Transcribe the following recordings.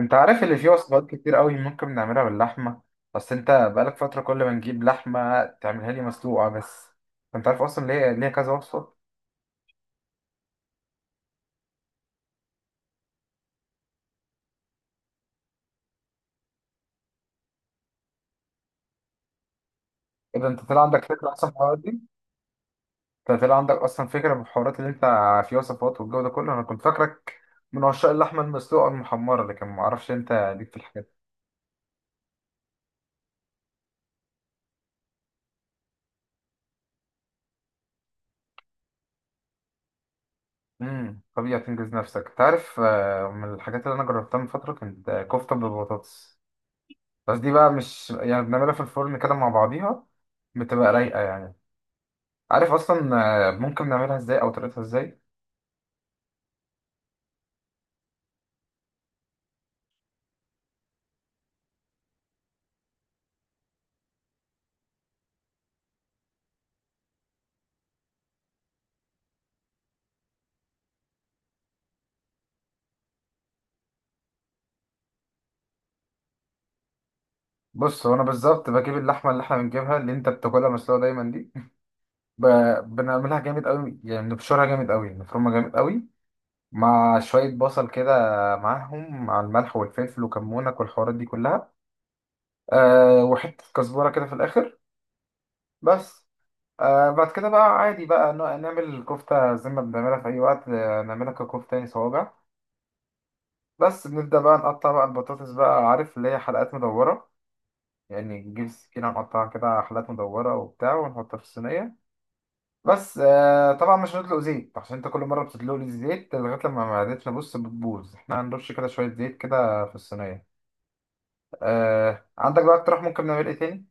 انت عارف اللي فيه وصفات كتير قوي ممكن نعملها باللحمه. بس انت بقالك فتره كل ما نجيب لحمه تعملها لي مسلوقه بس. انت عارف اصلا ليه كذا وصفه؟ اذا انت طلع عندك فكره اصلا في الحوارات دي. انت طلع عندك اصلا فكره في الحوارات اللي انت، في وصفات والجو ده كله، انا كنت فاكرك من عشاق اللحمه المسلوقه المحمره، لكن ما اعرفش انت ليك في الحاجات دي. طبيعي تنجز نفسك. انت عارف، من الحاجات اللي انا جربتها من فتره كانت كفته بالبطاطس. بس دي بقى مش يعني بنعملها في الفرن كده مع بعضيها، بتبقى رايقه يعني. عارف اصلا ممكن نعملها ازاي او طريقتها ازاي؟ بص، هو انا بالظبط بجيب اللحمه اللي احنا بنجيبها اللي انت بتاكلها مسلوقه دايما دي، ب... بنعملها جامد قوي. يعني نبشرها جامد قوي، نفرمها جامد قوي، مع شويه بصل كده، معاهم مع الملح والفلفل وكمونك والحوارات دي كلها، أه وحته كزبره كده في الاخر، بس. أه بعد كده بقى عادي بقى نعمل الكفته زي ما بنعملها في اي وقت. نعملها ككفته يعني صوابع، بس بنبدا بقى نقطع بقى البطاطس بقى. عارف اللي هي حلقات مدوره، يعني نجيب السكينة نقطعها كده حلقات مدورة وبتاع ونحطها في الصينية بس. طبعا مش هنطلق زيت، عشان انت كل مرة بتدلق لي الزيت لغاية لما معدتنا، بص، بتبوظ. احنا هنرش كده شوية زيت كده في الصينية. عندك بقى اقتراح ممكن نعمل ايه تاني؟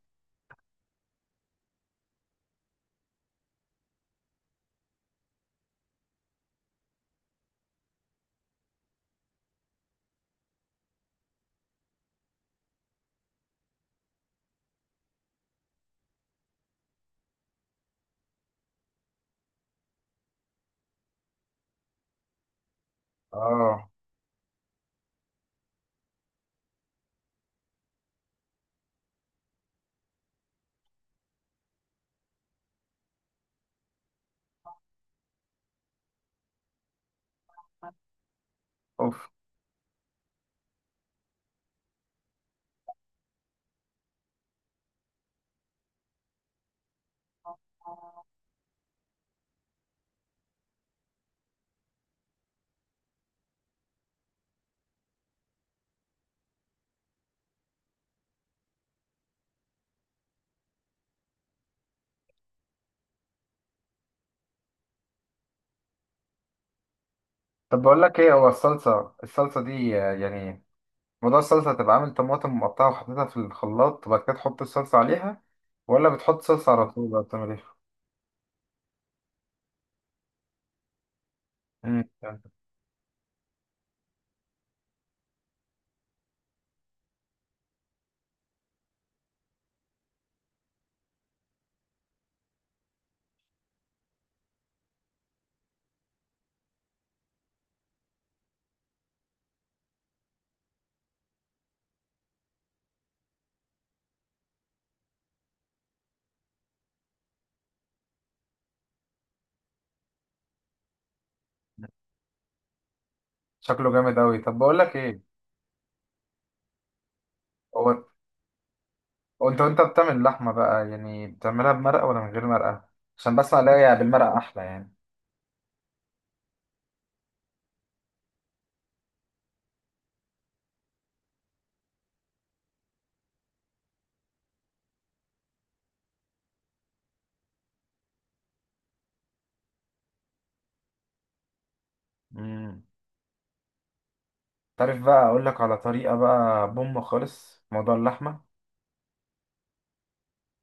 اه، اوف. طب بقول لك ايه، هو الصلصة، الصلصة دي يعني موضوع الصلصة، هتبقى عامل طماطم مقطعة وحطيتها في الخلاط وبعد كده تحط الصلصة عليها، ولا بتحط صلصة على طول، ولا بتعمل ايه؟ مم. شكله جامد أوي. طب بقول لك إيه، هو، وانت، وانت بتعمل اللحمة بقى، يعني بتعملها بمرقة ولا من غير مرقة؟ عشان بس الاقي بالمرقة احلى يعني. امم تعرف بقى اقول لك على طريقة بقى بوم خالص في موضوع اللحمة.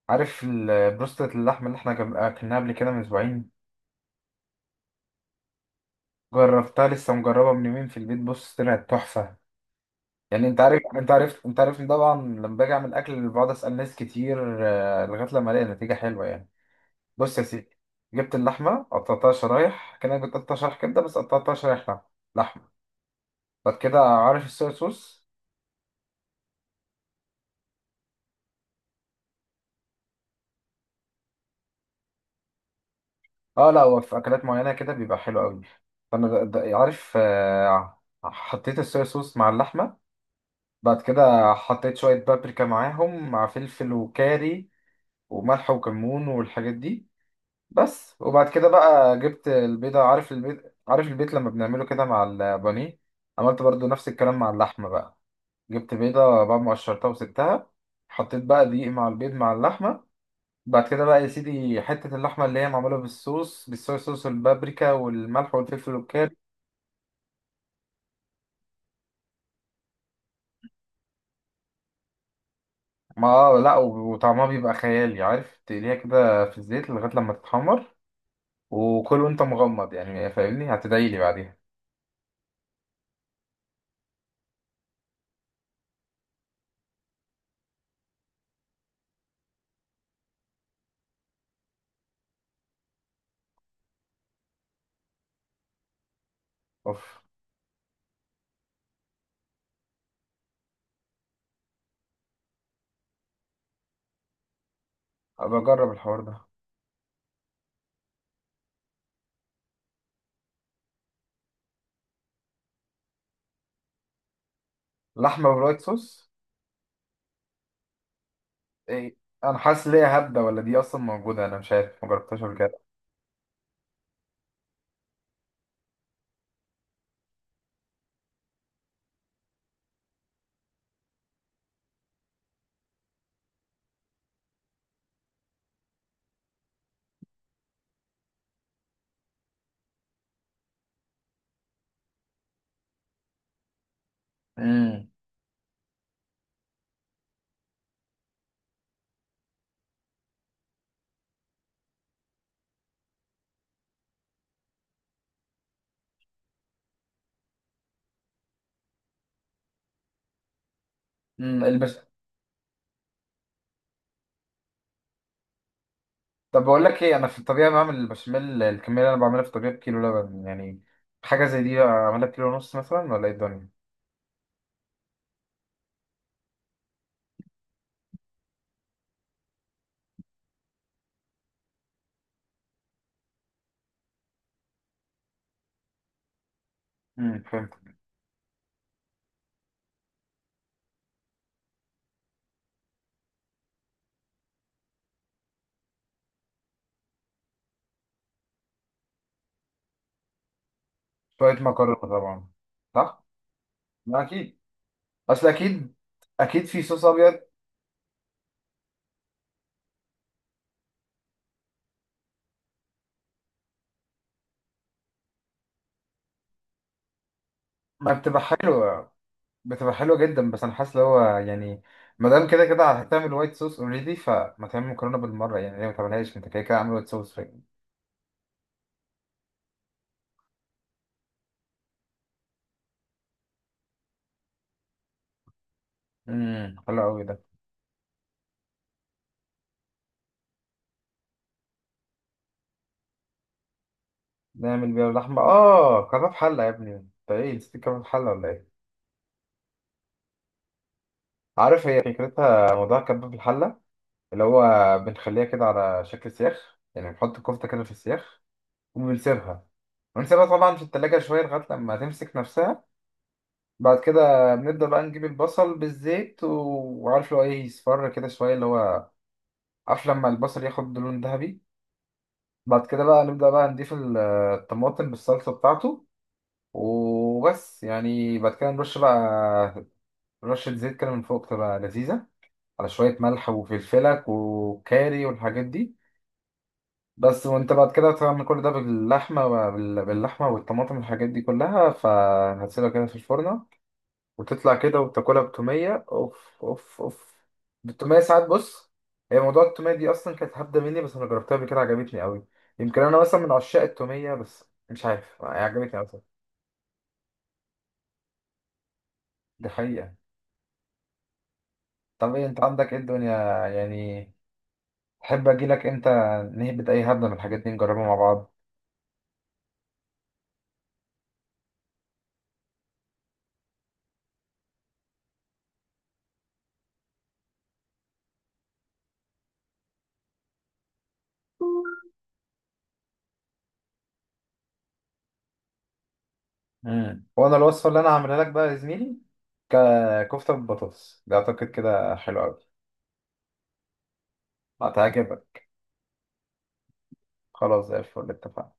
عارف بروستة اللحمة اللي احنا اكلناها قبل كده من اسبوعين، جربتها، لسه مجربة من يومين في البيت. بص، طلعت تحفة. يعني انت عارف، طبعا لما باجي اعمل اكل بقعد اسال ناس كتير، لغايه لما الاقي نتيجه حلوه يعني. بص يا سيدي، جبت اللحمه، قطعتها شرايح كانك بتقطع شرايح كبده، بس قطعتها شرايح لحمه. بعد كده، عارف الصويا صوص. اه لا، هو في اكلات معينه كده بيبقى حلو قوي. فانا ده عارف، حطيت الصويا صوص مع اللحمه. بعد كده حطيت شويه بابريكا معاهم مع فلفل وكاري وملح وكمون والحاجات دي بس. وبعد كده بقى جبت البيضه. عارف البيض، عارف البيت لما بنعمله كده مع البانيه، عملت برضو نفس الكلام مع اللحمه بقى. جبت بيضه بعد ما قشرتها وسبتها. حطيت بقى دقيق مع البيض مع اللحمه. بعد كده بقى يا سيدي حتة اللحمة اللي هي معمولة بالصوص، بالصويا صوص والبابريكا والملح والفلفل والكاري. ما لا، وطعمها بيبقى خيالي. عارف، تقليها كده في الزيت لغاية لما تتحمر، وكل وانت مغمض يعني. فاهمني، هتدعيلي بعديها. اوف. أبقى أجرب الحوار ده. لحمة بالوايت صوص؟ إيه؟ أنا حاسس ليها هبدة، ولا دي أصلا موجودة؟ أنا مش عارف، مجربتهاش قبل كده. امم طب بقول لك ايه، انا في الطبيعه بعمل البشاميل، الكميه اللي انا بعملها في الطبيعه بكيلو لبن يعني. حاجه زي دي اعملها بكيلو ونص مثلا، ولا ايه الدنيا؟ فهمت. شويه مكرونه طبعا. صح. ما اكيد، اصل اكيد، اكيد في صوص ابيض. ما بتبقى حلوه، بتبقى حلوه جدا. بس انا حاسس اللي هو يعني، ما دام كده كده هتعمل وايت صوص اوريدي، فما تعمل مكرونه بالمره يعني؟ ليه ما تعملهاش انت كده كده عامل وايت صوص؟ حلو قوي ده. نعمل بيها اللحمه، اه كباب حله يا ابني. انت ايه، نسيت كباب حله ولا ايه؟ عارف هي فكرتها، موضوع كبة الحلة اللي هو، بنخليها كده على شكل سياخ، يعني بنحط الكفتة كده في السياخ وبنسيبها، ونسيبها طبعا في التلاجة شوية لغاية لما تمسك نفسها. بعد كده بنبدأ بقى نجيب البصل بالزيت وعارف اللي هو ايه، يصفر كده شوية اللي هو، عارف لما البصل ياخد لون ذهبي. بعد كده بقى نبدأ بقى نضيف الطماطم بالصلصة بتاعته، وبس يعني. بعد كده نرش بقى رشة زيت كده من فوق، تبقى لذيذة، على شوية ملح وفلفلك وكاري والحاجات دي بس. وانت بعد كده تعمل كل ده باللحمة، باللحمة والطماطم والحاجات دي كلها، فهتسيبها كده في الفرن وتطلع كده، وتاكلها بتومية. اوف اوف اوف! بالتومية ساعات، بص، هي موضوع التومية دي أصلا كانت هبدة مني، بس أنا جربتها قبل كده، عجبتني أوي. يمكن أنا مثلا من عشاق التومية، بس مش عارف، هي عجبتني أوي. دي حقيقة. طب إيه أنت عندك إيه الدنيا يعني؟ تحب أجيلك إمتى نهبط أي هبدة من الحاجات دي نجربها مع بعض؟ مم. وانا الوصفه اللي انا هعملها لك بقى يا زميلي ككفته بالبطاطس ده، اعتقد كده حلو قوي. هتعجبك. خلاص زي الفل، اتفقنا.